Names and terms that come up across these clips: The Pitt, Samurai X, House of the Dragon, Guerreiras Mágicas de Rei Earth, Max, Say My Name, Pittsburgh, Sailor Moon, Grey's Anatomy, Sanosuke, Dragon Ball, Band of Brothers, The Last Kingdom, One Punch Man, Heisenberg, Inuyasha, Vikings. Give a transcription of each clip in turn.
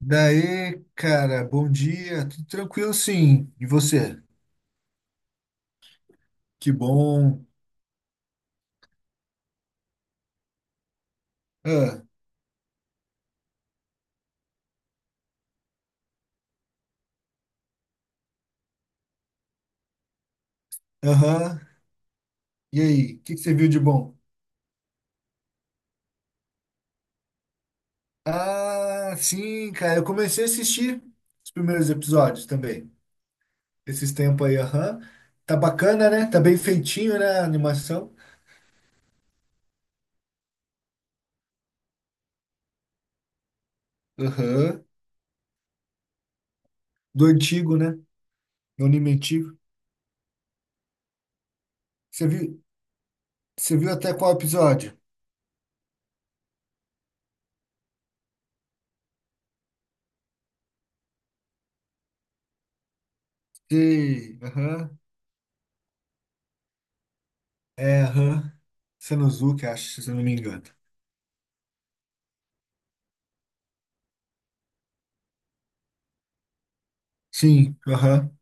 Daí, cara, bom dia, tudo tranquilo sim. E você? Que bom. Ah, aham. E aí, o que você viu de bom? Ah, sim, cara, eu comecei a assistir os primeiros episódios também. Esses tempos aí, aham. Tá bacana, né? Tá bem feitinho, né, a animação? Aham. Do antigo, né? Do anime antigo. Você viu, você viu até qual episódio? Sei, aham. É, aham. Sanosuke, acho, se eu não me engano. Sim, aham.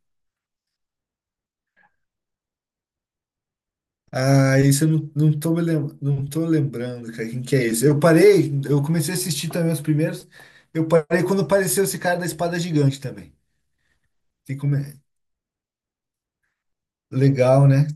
Ah, isso eu não, não tô me não tô lembrando, cara, quem que é esse? Eu comecei a assistir também os primeiros. Eu parei quando apareceu esse cara da espada gigante também. Tem como é- Legal, né?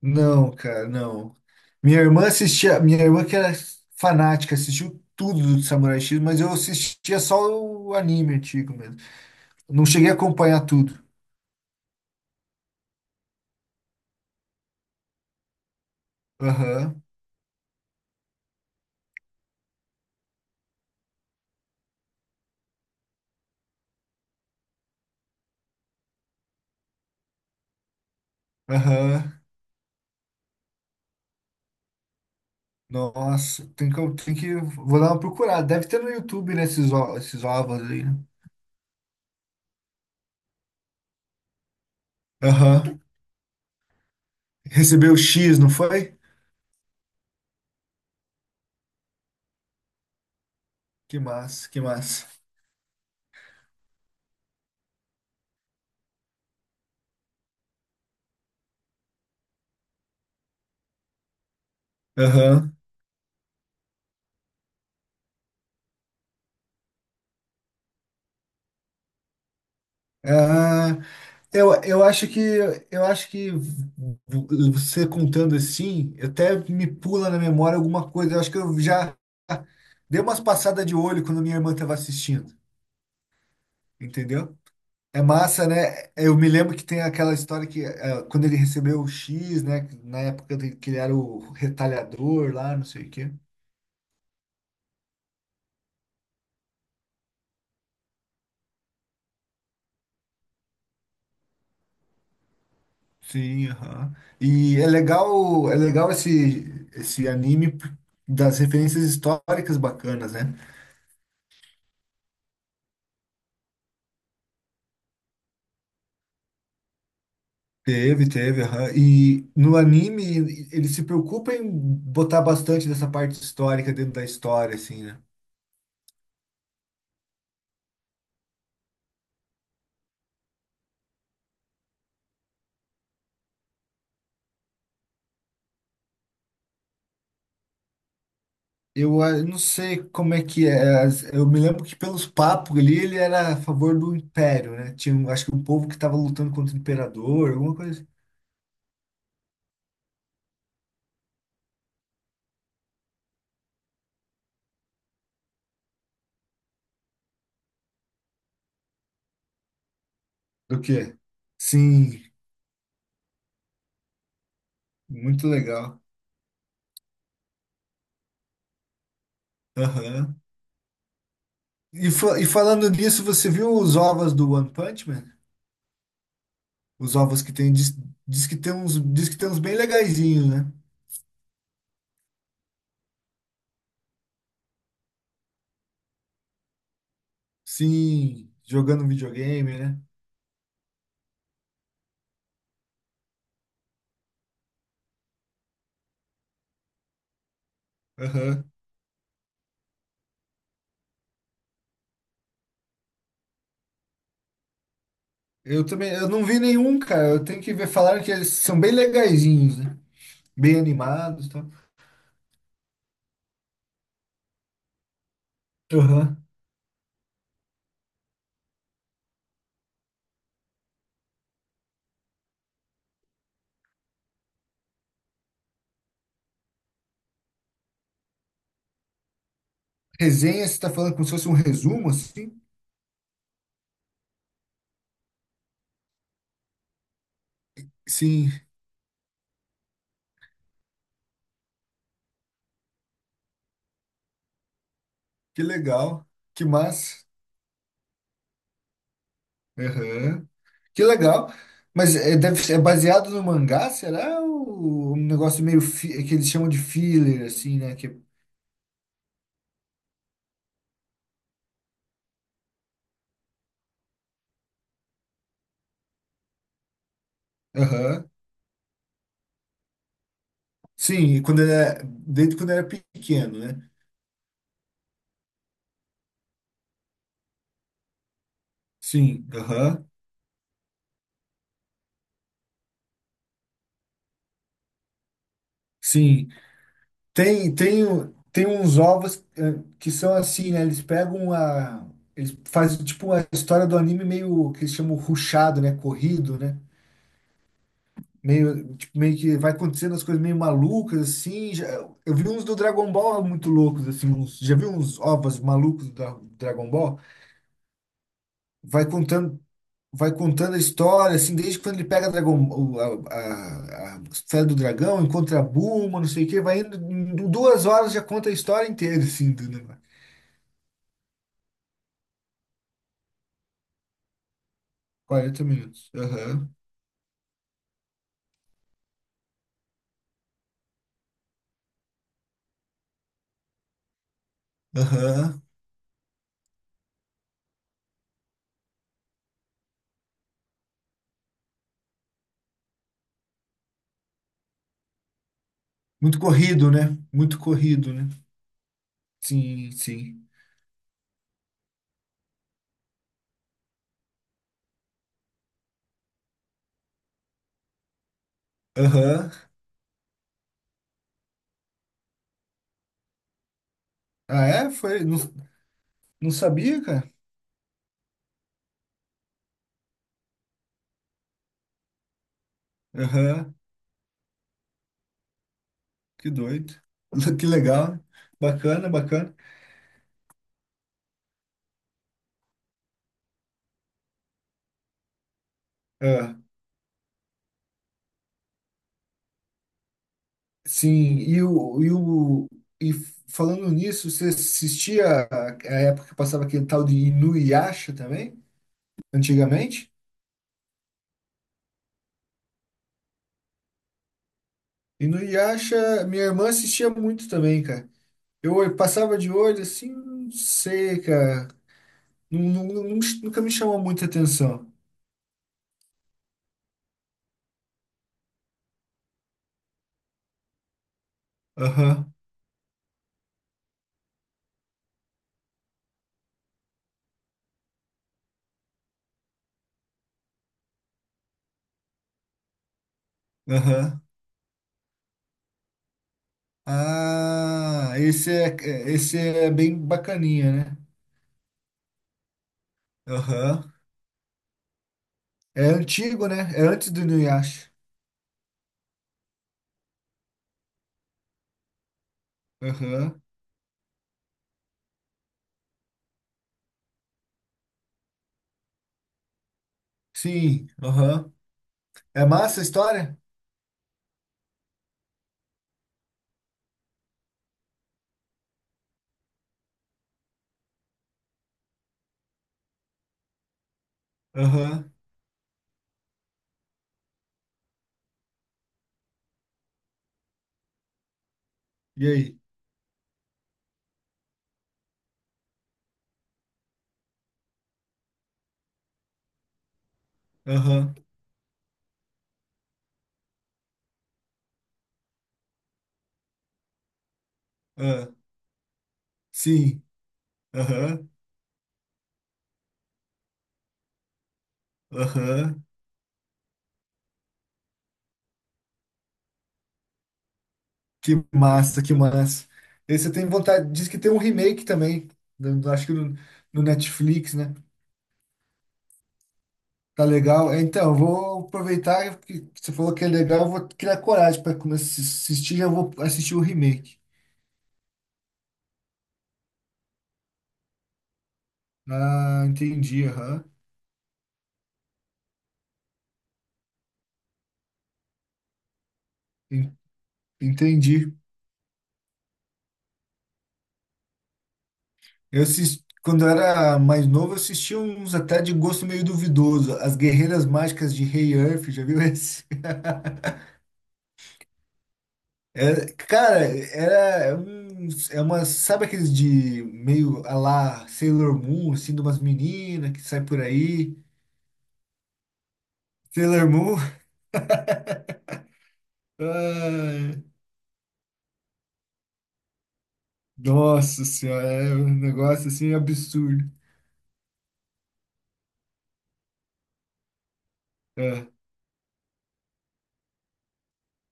Não, cara, não. Minha irmã assistia, minha irmã que era fanática, assistiu tudo do Samurai X, mas eu assistia só o anime antigo mesmo. Não cheguei a acompanhar tudo. Aham, aham. Nossa, tem que, vou dar uma procurada. Deve ter no YouTube, né, esses ovos aí, né? Aham. Recebeu X, não foi? Que massa, que massa. Aham. Ah, eu acho que eu acho que você contando assim, até me pula na memória alguma coisa. Eu acho que eu já dei umas passadas de olho quando minha irmã estava assistindo, entendeu? É massa, né? Eu me lembro que tem aquela história que quando ele recebeu o X, né? Na que ele era o retalhador lá, não sei o quê. Sim, aham. É legal esse anime das referências históricas bacanas, né? Teve, teve, aham. E no anime ele se preocupa em botar bastante dessa parte histórica dentro da história, assim, né? Eu ah, não sei como é que é. Eu me lembro que pelos papos ali ele era a favor do império, né? Tinha, acho que um povo que estava lutando contra o imperador, alguma coisa assim. Do quê? Sim, muito legal. Aham. E, e falando nisso, você viu os ovos do One Punch Man? Os ovos que tem, diz, diz que tem uns, diz que tem uns bem legaizinhos, né? Sim, jogando videogame, né? Aham. Eu também, eu não vi nenhum, cara. Eu tenho que ver, falaram que eles são bem legaizinhos, né? Bem animados, tá? Tal. Aham. Resenha, você tá falando como se fosse um resumo, assim? Sim, que legal, que massa. Aham. Que legal. Mas é, é baseado no mangá, será? Ou um negócio que eles chamam de filler, assim, né? Que... Aham. Sim, e quando era, desde quando era pequeno, né? Sim, aham. Sim. Tem, tem, tem uns ovos que são assim, né? Eles pegam a. Eles fazem tipo uma história do anime meio que eles chamam rushado, né? Corrido, né? Meio, tipo, meio que vai acontecendo as coisas meio malucas, assim. Já, eu vi uns do Dragon Ball muito loucos, assim. Uns, já vi uns ovas malucos da Dragon Ball? Vai contando, vai contando a história, assim, desde quando ele pega a a esfera do dragão, encontra a Bulma, não sei o quê. Vai indo, em duas horas já conta a história inteira, assim, do negócio. Quarenta minutos. Aham, aham. Muito corrido, né? Muito corrido, né? Sim, sim. Aham. Ah, é? Foi? Não, não sabia, cara? Aham, que doido. Que legal. Bacana, bacana. Ah, sim, e e o e falando nisso, você assistia a época que passava aquele tal de Inuyasha também, antigamente? Inuyasha, minha irmã assistia muito também, cara. Passava de olho assim, não sei, cara. Não, nunca me chamou muita atenção. Aham, aham. Ah, esse é bem bacaninha, né? Aham. É antigo, né? É antes do Inuyasha. Aham. Sim, aham. É massa a história? Aham. E aí? Aham. Ah. Sim. Aham. Aham. Que massa, que massa. Esse eu tenho vontade. Diz que tem um remake também. Acho que no Netflix, né? Tá legal. É, então, eu vou aproveitar que você falou que é legal. Eu vou criar coragem para começar a assistir. Já vou assistir o remake. Ah, entendi. Aham. En- Entendi. Eu assisti, quando eu era mais novo, eu assistia uns até de gosto meio duvidoso. As Guerreiras Mágicas de Rei Earth, já viu esse? É, cara, é uma, sabe aqueles de meio a lá Sailor Moon, assim, de umas meninas que sai por aí? Sailor Moon? Ai, nossa senhora, é um negócio assim absurdo. É,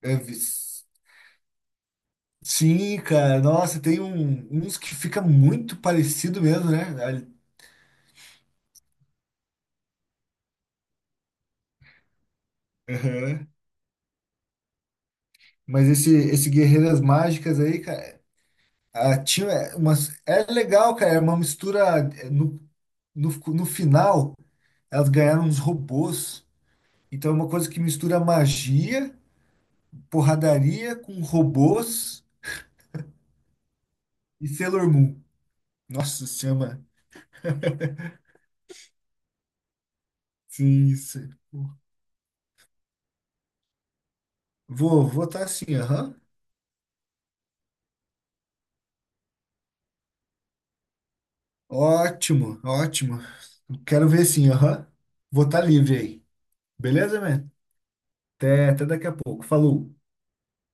é vis- sim, cara, nossa, tem uns que fica muito parecido mesmo, né? Ali- Aham. Mas esse Guerreiras Mágicas aí, cara, ah, tinha umas, é legal, cara, é uma mistura. É, no no final, elas ganharam uns robôs. Então é uma coisa que mistura magia, porradaria com robôs e Sailor Moon. Nossa, se chama. Sim, isso. Vou, vou estar assim, aham. Ótimo, ótimo. Quero ver sim, aham. Vou estar livre aí. Beleza, man? Até, até daqui a pouco. Falou.